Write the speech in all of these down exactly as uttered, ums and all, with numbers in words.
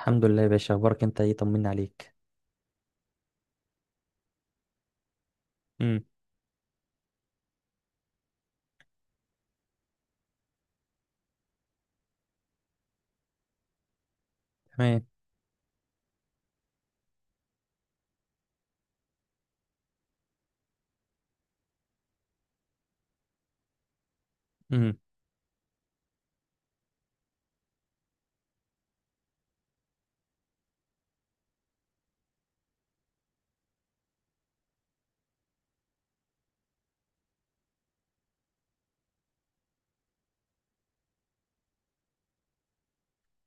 الحمد لله يا باشا، اخبارك انت ايه؟ طمنا عليك. امم تمام. امم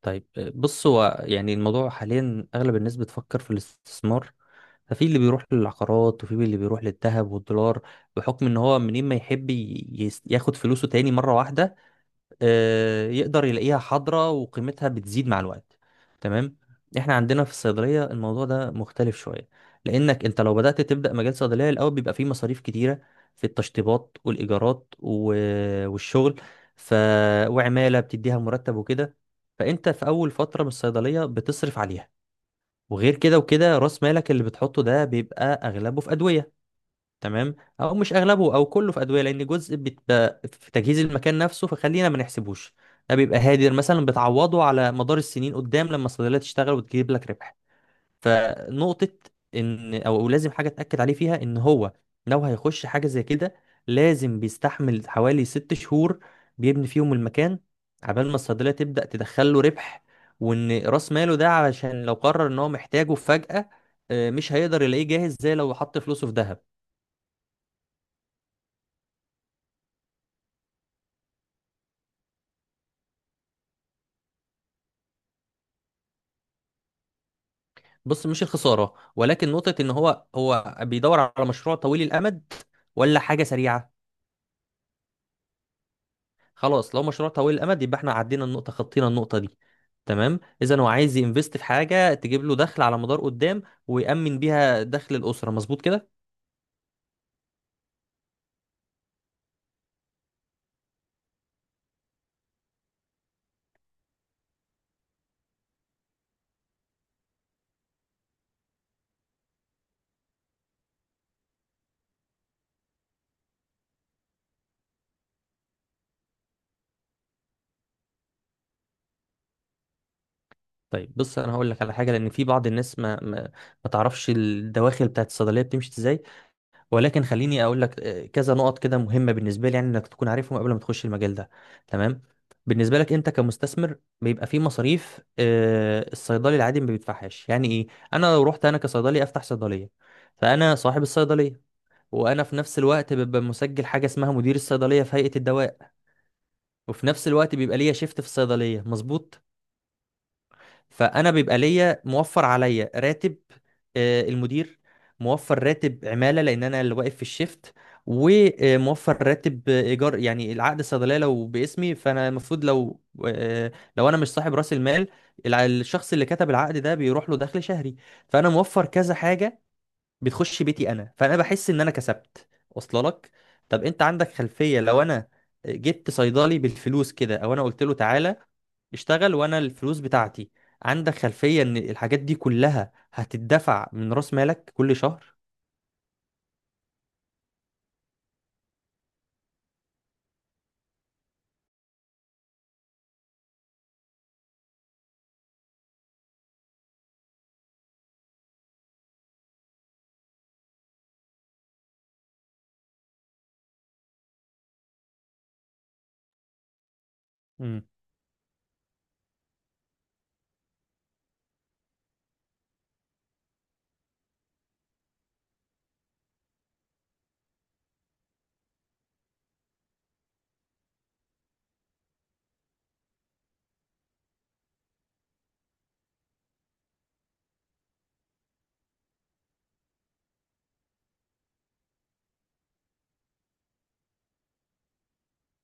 طيب، بص هو يعني الموضوع حاليا اغلب الناس بتفكر في الاستثمار. ففي اللي بيروح للعقارات وفي اللي بيروح للذهب والدولار، بحكم ان هو منين ما يحب ي- يس- ياخد فلوسه تاني مرة واحدة آه، يقدر يلاقيها حاضرة وقيمتها بتزيد مع الوقت. تمام. احنا عندنا في الصيدلية الموضوع ده مختلف شوية، لانك انت لو بدأت تبدأ مجال صيدلية، الاول بيبقى فيه مصاريف كتيرة في التشطيبات والايجارات و- والشغل. ف... وعمالة بتديها مرتب وكده، فانت في اول فترة من الصيدلية بتصرف عليها. وغير كده وكده راس مالك اللي بتحطه ده بيبقى اغلبه في ادوية. تمام. او مش اغلبه، او كله في ادويه، لان جزء بيبقى في تجهيز المكان نفسه، فخلينا ما نحسبوش. ده بيبقى هادر مثلا بتعوضه على مدار السنين قدام لما الصيدليه تشتغل وتجيب لك ربح. فنقطه ان او لازم حاجه اتاكد عليه فيها ان هو لو هيخش حاجه زي كده، لازم بيستحمل حوالي ست شهور بيبني فيهم المكان عبال ما الصيدليه تبدا تدخل له ربح. وان راس ماله ده علشان لو قرر ان هو محتاجه فجاه، آه، مش هيقدر يلاقيه جاهز زي لو حط فلوسه في دهب. بص، مش الخساره، ولكن نقطه ان هو هو بيدور على مشروع طويل الامد ولا حاجه سريعه. خلاص، لو مشروع طويل الامد، يبقى احنا عدينا النقطه، خطينا النقطه دي. تمام. اذا هو عايز ينفست في حاجه تجيب له دخل على مدار قدام ويأمن بيها دخل الاسره مظبوط كده. طيب بص، انا هقول لك على حاجه، لان في بعض الناس ما ما, ما تعرفش الدواخل بتاعت الصيدليه بتمشي ازاي. ولكن خليني اقول لك آه، كذا نقط كده مهمه بالنسبه لي، يعني انك تكون عارفهم قبل ما تخش المجال ده. تمام. بالنسبه لك انت كمستثمر، بيبقى في مصاريف آه، الصيدلي العادي ما بيدفعهاش. يعني ايه؟ انا لو رحت انا كصيدلي افتح صيدليه، فانا صاحب الصيدليه، وانا في نفس الوقت ببقى مسجل حاجه اسمها مدير الصيدليه في هيئه الدواء. وفي نفس الوقت بيبقى ليا شيفت في الصيدليه مظبوط. فانا بيبقى ليا موفر عليا راتب آه، المدير، موفر راتب عماله لان انا اللي واقف في الشيفت، وموفر راتب آه، ايجار، يعني العقد الصيدليه لو باسمي فانا المفروض لو آه، لو انا مش صاحب راس المال، الع- الشخص اللي كتب العقد ده بيروح له دخل شهري. فانا موفر كذا حاجه بتخش بيتي انا، فانا بحس ان انا كسبت. واصله لك؟ طب انت عندك خلفيه لو انا جبت صيدلي بالفلوس كده، او انا قلت له تعالى اشتغل وانا الفلوس بتاعتي، عندك خلفية ان الحاجات دي كلها هتدفع من راس مالك كل شهر؟ امم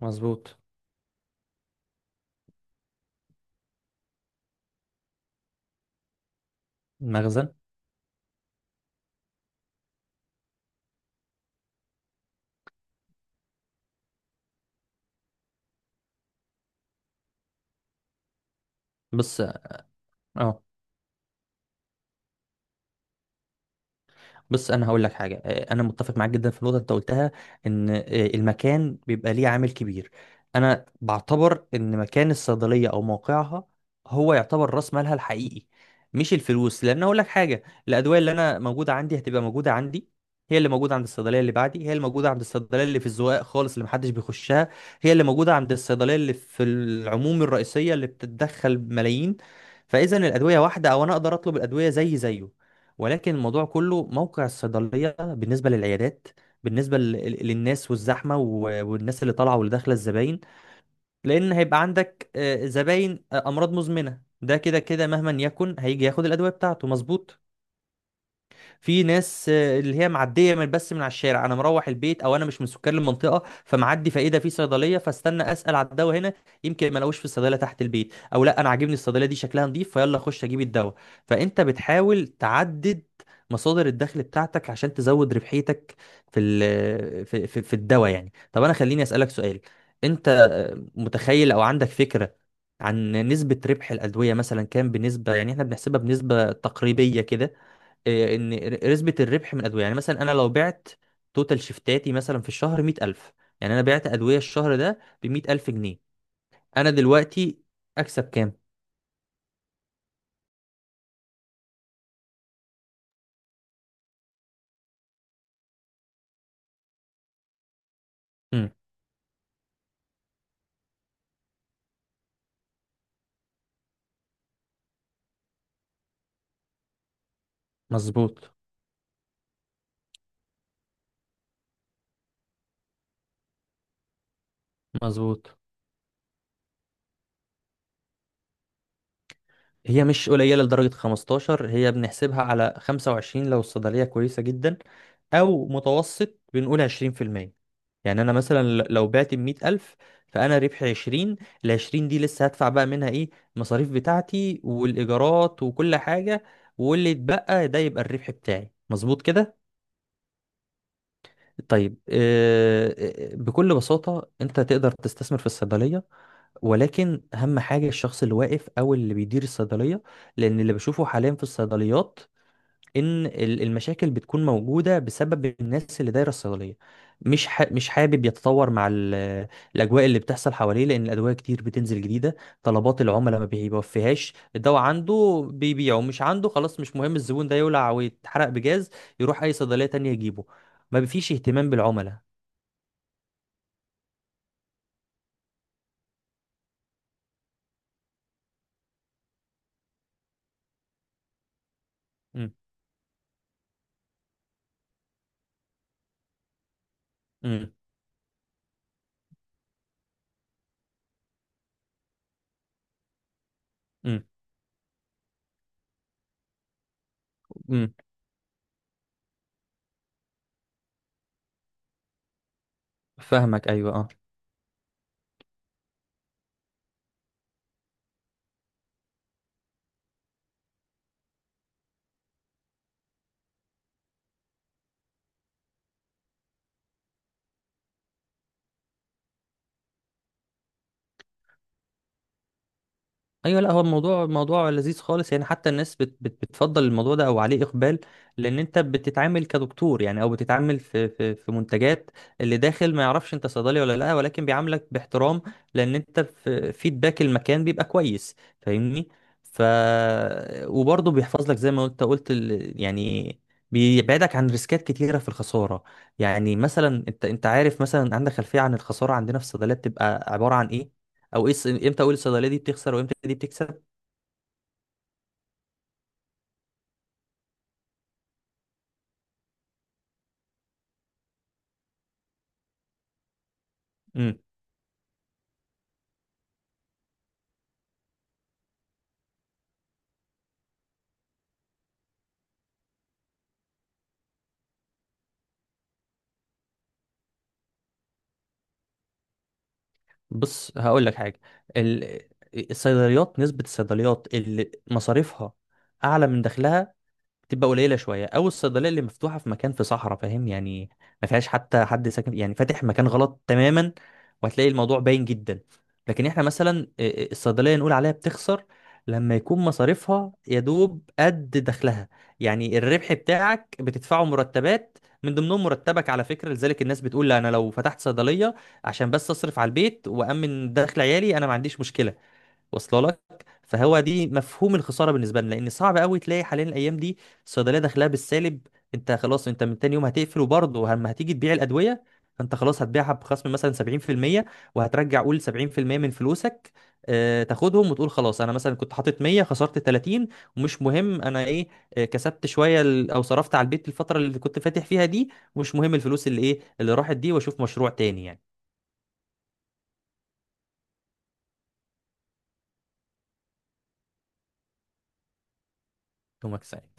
مظبوط. المخزن. بس اه. بص انا هقول لك حاجه، آه، انا متفق معاك جدا في النقطه اللي انت قلتها، ان آه، المكان بيبقى ليه عامل كبير. انا بعتبر ان مكان الصيدليه او موقعها هو يعتبر راس مالها الحقيقي، مش الفلوس. لان اقول لك حاجه، الادويه اللي انا موجوده عندي هتبقى موجوده عندي، هي اللي موجوده عند الصيدليه اللي بعدي، هي اللي موجوده عند الصيدليه اللي في الزقاق خالص اللي محدش بيخشها، هي اللي موجوده عند الصيدليه اللي في العموم الرئيسيه اللي بتتدخل ملايين. فاذا الادويه واحده، او انا اقدر اطلب الادويه زي زيه. ولكن الموضوع كله موقع الصيدلية بالنسبة للعيادات، بالنسبة لل- للناس والزحمة و- والناس اللي طالعة واللي داخلة الزباين. لأن هيبقى عندك آه، زباين آه، أمراض مزمنة، ده كده كده مهما يكن هيجي ياخد الأدوية بتاعته مظبوط. في ناس آه، اللي هي معديه من بس من على الشارع، انا مروح البيت او انا مش من سكان المنطقه فمعدي، فايه ده، في صيدليه، فاستنى اسال على الدواء هنا. يمكن ما الاقوش في الصيدليه تحت البيت، او لا انا عاجبني الصيدليه دي شكلها نظيف فيلا اخش اجيب الدواء. فانت بتحاول تعدد مصادر الدخل بتاعتك عشان تزود ربحيتك في ال- في في, في الدواء. يعني طب انا خليني اسالك سؤال، انت آه، متخيل او عندك فكره عن نسبة ربح الأدوية مثلا كام بنسبة؟ يعني احنا بنحسبها بنسبة تقريبية كده آه، ان نسبه الربح من الادويه. يعني مثلا انا لو بعت توتال شيفتاتي مثلا في الشهر مية الف، يعني انا بعت ادويه الشهر ده ب مية الف جنيه، انا دلوقتي اكسب كام؟ امم مظبوط. مظبوط. هي مش قليلة لدرجة خمستاشر، هي بنحسبها على خمسة وعشرين لو الصيدلية كويسة جدا، أو متوسط بنقول عشرين في المية. يعني أنا مثلا ل- لو بعت بمية ألف، فأنا ربحي عشرين. العشرين دي لسه هدفع بقى منها إيه؟ المصاريف بتاعتي والإيجارات وكل حاجة، واللي اتبقى ده يبقى الربح بتاعي مظبوط كده؟ طيب، آه، آه، آه، بكل بساطة أنت تقدر تستثمر في الصيدلية. ولكن اهم حاجه الشخص اللي واقف او اللي بيدير الصيدليه. لان اللي بشوفه حاليا في الصيدليات، ان ال- المشاكل بتكون موجوده بسبب الناس اللي دايره الصيدليه. مش ح... مش حابب يتطور مع ال... الاجواء اللي بتحصل حواليه، لان الادويه كتير بتنزل جديده. طلبات العملاء ما بيوفيهاش، الدواء عنده بيبيعه، مش عنده خلاص مش مهم، الزبون ده يولع ويتحرق بجاز، يروح اي صيدليه تانية يجيبه. ما فيش اهتمام بالعملاء. امم امم امم امم، فاهمك. ايوه، اه. ايوه، لا هو الموضوع موضوع لذيذ خالص يعني، حتى الناس بت بت بتفضل الموضوع ده او عليه اقبال، لان انت بتتعامل كدكتور يعني، او بتتعامل في في في منتجات. اللي داخل ما يعرفش انت صيدلي ولا لا، ولكن بيعاملك باحترام، لان انت في فيدباك المكان بيبقى كويس. فاهمني؟ ف وبرضه بيحفظ لك زي ما انت قلت ال- يعني بيبعدك عن ريسكات كتيره في الخساره. يعني مثلا انت انت عارف مثلا عندك خلفيه عن الخساره عندنا في الصيدليات بتبقى عباره عن ايه؟ او ايه الص- امتى اقول الصيدليه دي بتخسر وامتى دي بتكسب؟ امم بص هقول لك حاجه، ال- الصيدليات، نسبه الصيدليات اللي مصاريفها اعلى من دخلها تبقى قليله شويه. او الصيدليه اللي مفتوحه في مكان في صحراء، فاهم يعني، ما فيهاش حتى حد ساكن، يعني فاتح مكان غلط تماما، وهتلاقي الموضوع باين جدا. لكن احنا مثلا إيه، إيه، الصيدليه نقول عليها بتخسر لما يكون مصاريفها يا دوب قد دخلها. يعني الربح بتاعك بتدفعه مرتبات، من ضمنهم مرتبك على فكره. لذلك الناس بتقول لا انا لو فتحت صيدليه عشان بس اصرف على البيت وامن دخل عيالي انا ما عنديش مشكله. واصله لك؟ فهو دي مفهوم الخساره بالنسبه لنا، لان صعب قوي تلاقي حاليا الايام دي الصيدليه داخلها بالسالب. انت خلاص انت من تاني يوم هتقفل، وبرضه لما هتيجي تبيع الادويه فانت خلاص هتبيعها بخصم مثلا سبعين في المية، وهترجع قول سبعين في المية من فلوسك آه، تاخدهم وتقول خلاص. انا مثلا كنت حاطط مية خسرت تلاتين، ومش مهم انا ايه آه، كسبت شويه ال- او صرفت على البيت الفتره اللي كنت فاتح فيها دي، ومش مهم الفلوس اللي ايه اللي راحت دي، واشوف مشروع تاني يعني. يومك سعيد.